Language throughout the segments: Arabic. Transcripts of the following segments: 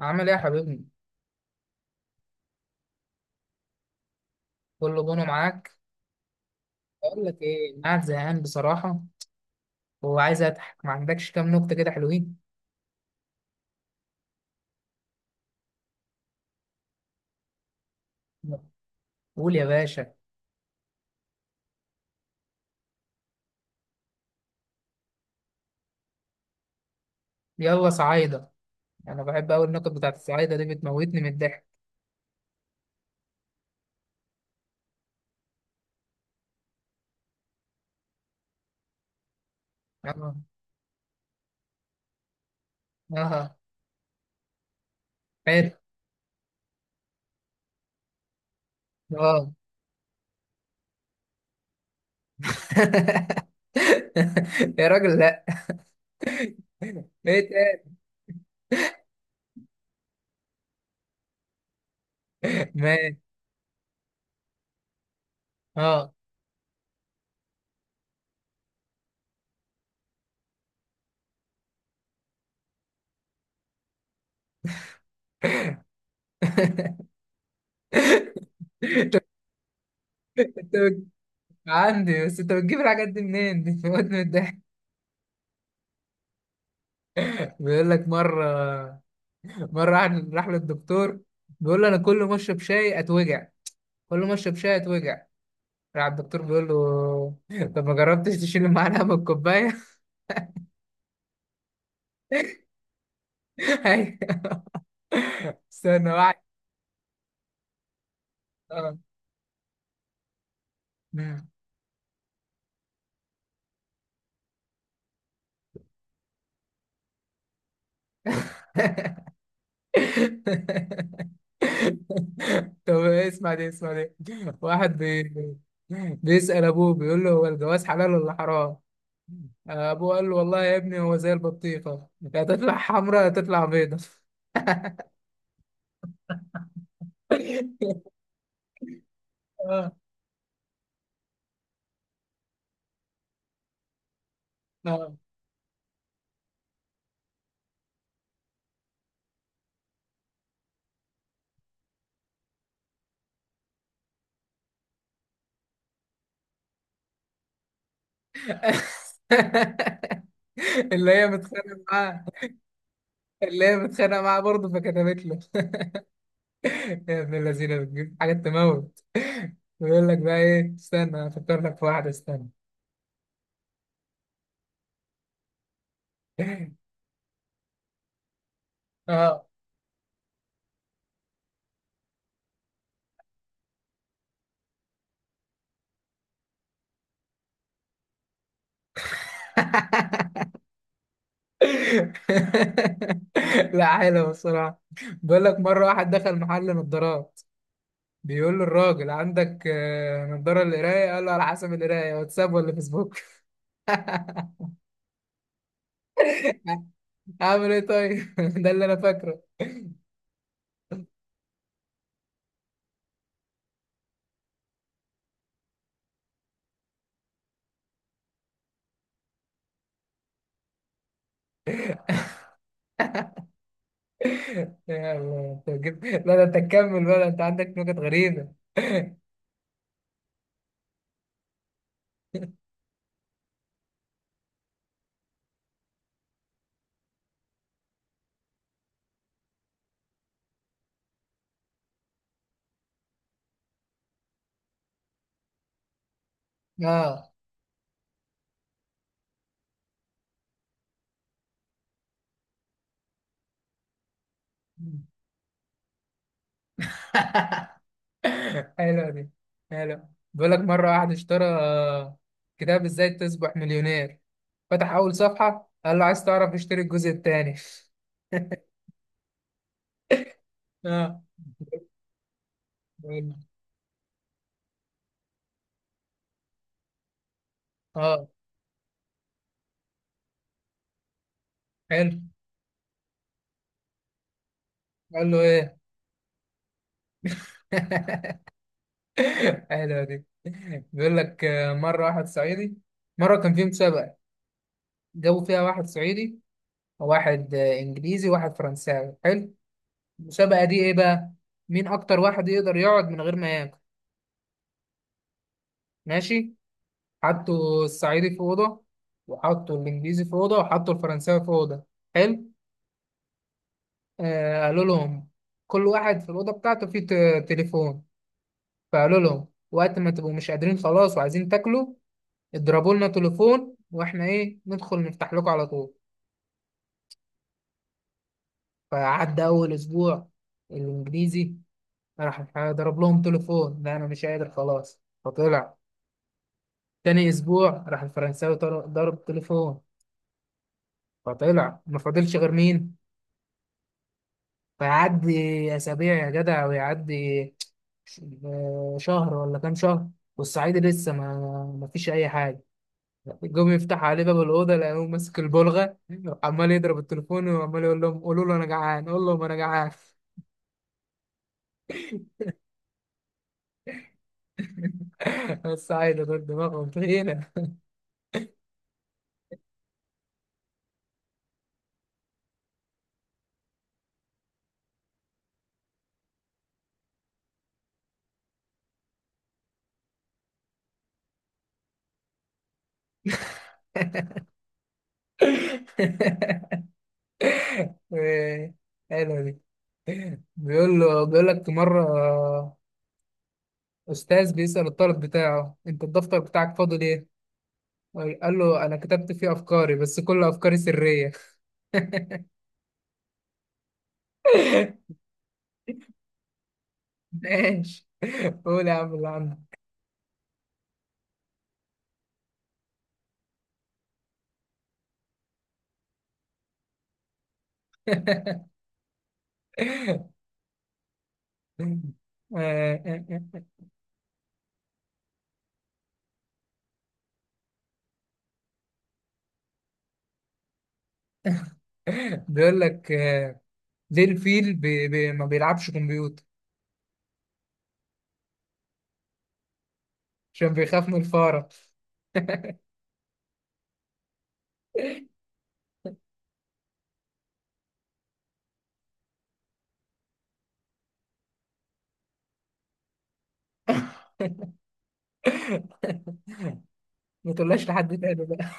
عامل ايه يا حبيبي؟ كله جونه معاك؟ اقول لك ايه، انا قاعد زهقان بصراحة وعايز اضحك. ما عندكش كام نكتة كده حلوين؟ قول يا باشا. يلا صعايدة. انا بحب اوي النكت بتاعت الصعايدة دي، بتموتني من الضحك. اه. اه. حلو. اه. يا راجل، لا. ايه تاني؟ ماشي. اه. انت بت- عندي، بس انت بتجيب الحاجات دي منين؟ دي بتموتني من الضحك. بيقول لك مره راح للدكتور، بيقول له انا كل ما اشرب شاي اتوجع، كل ما اشرب شاي اتوجع. راح الدكتور بيقول له طب ما جربتش تشيل المعلقه من الكوبايه؟ أيوة. استنى واحد. اه. مم. طب اسمع دي، اسمع دي. بيسأل ابوه، بيقول له هو الجواز حلال ولا حرام؟ ابوه قال له والله يا ابني هو زي البطيخه، يا تطلع حمراء يا تطلع بيضه. اه. اه. اللي هي متخانقه معاه. اللي هي متخانقه معاه برضه، فكتبت له يا ابن الذين بتجيب حاجات تموت. ويقول لك بقى ايه، استنى افكر لك في واحده، استنى. اه. لا، حلو بصراحه. بيقول لك مره واحد دخل محل نظارات، بيقول له الراجل عندك نظاره للقرايه؟ قال له على حسب القرايه، واتساب ولا فيسبوك؟ اعمل ايه طيب؟ ده اللي انا فاكره. يا الله، انت جبت، لا ده انت تكمل بقى، ده انت عندك نكت غريبة. اه. حلوة دي. حلوة. بيقول لك مرة واحد اشترى كتاب ازاي تصبح مليونير، فتح أول صفحة، قال له عايز تعرف اشتري الجزء الثاني. اه. بيقول له، اه حلو. قال له ايه؟ حلوة دي. بيقول لك مرة واحد صعيدي. مرة كان في مسابقة، جابوا فيها واحد صعيدي، واحد انجليزي، وواحد فرنساوي. حلو. المسابقه دي ايه بقى؟ مين اكتر واحد يقدر يقعد من غير ما ياكل. ماشي. حطوا الصعيدي في اوضه، وحطوا الانجليزي في اوضه، وحطوا الفرنساوي في اوضه. حلو. آه، قالوا لهم كل واحد في الاوضه بتاعته فيه تليفون، فقالوا لهم وقت ما تبقوا مش قادرين خلاص وعايزين تاكلوا اضربوا لنا تليفون، واحنا ايه ندخل نفتح لكم على طول. فعدى اول اسبوع، الانجليزي راح ضرب لهم تليفون، لا انا مش قادر خلاص، فطلع. تاني اسبوع راح الفرنساوي، ضرب تليفون فطلع. ما فاضلش غير مين؟ فيعدي اسابيع يا جدع، ويعدي شهر ولا كام شهر، والصعيدي لسه ما فيش اي حاجه. جم يفتح عليه باب الاوضه، لقوه ماسك البلغه، عمال يضرب التليفون وعمال يقول لهم قولوا له انا جعان، قول لهم انا جعان. الصعيدي دول دماغهم تخينه. حلوه دي. بيقول لك مرة أستاذ بيسأل الطالب بتاعه، أنت الدفتر بتاعك فاضي ليه؟ قال له أنا كتبت فيه أفكاري، بس كل أفكاري سرية. ماشي. قول يا عم اللي عندك. بيقول لك ليه الفيل بي بي ما بيلعبش كمبيوتر؟ عشان بيخاف من الفارة. ما تقولهاش لحد تاني بقى.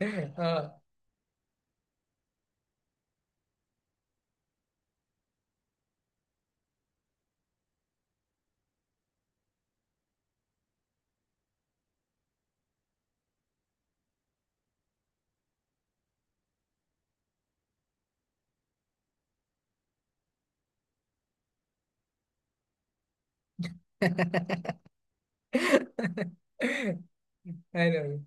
اه. حلو.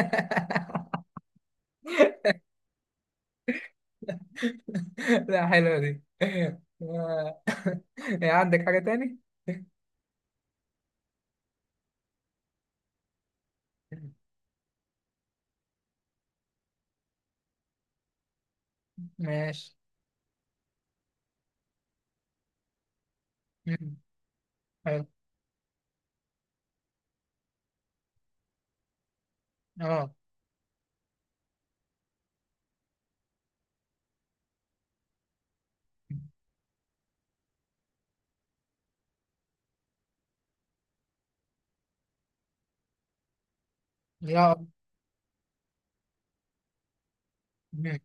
لا، حلوة دي. آه. عندك حاجة تاني؟ ماشي. مم. حلو. اه. يا مم.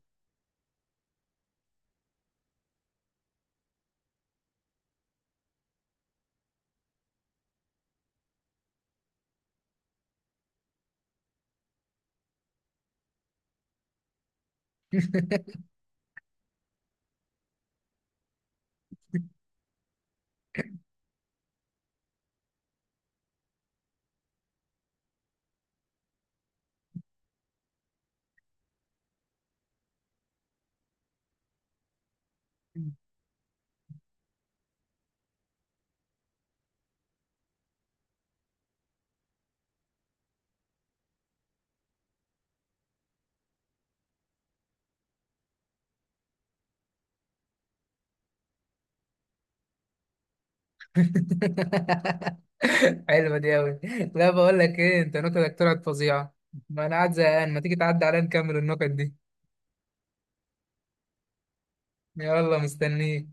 حلوة دي أوي. لا بقول لك إيه، أنت نكتك طلعت فظيعة، ما أنا قاعد زهقان، ما تيجي تعدي عليا نكمل النكت دي. يلا مستنيك.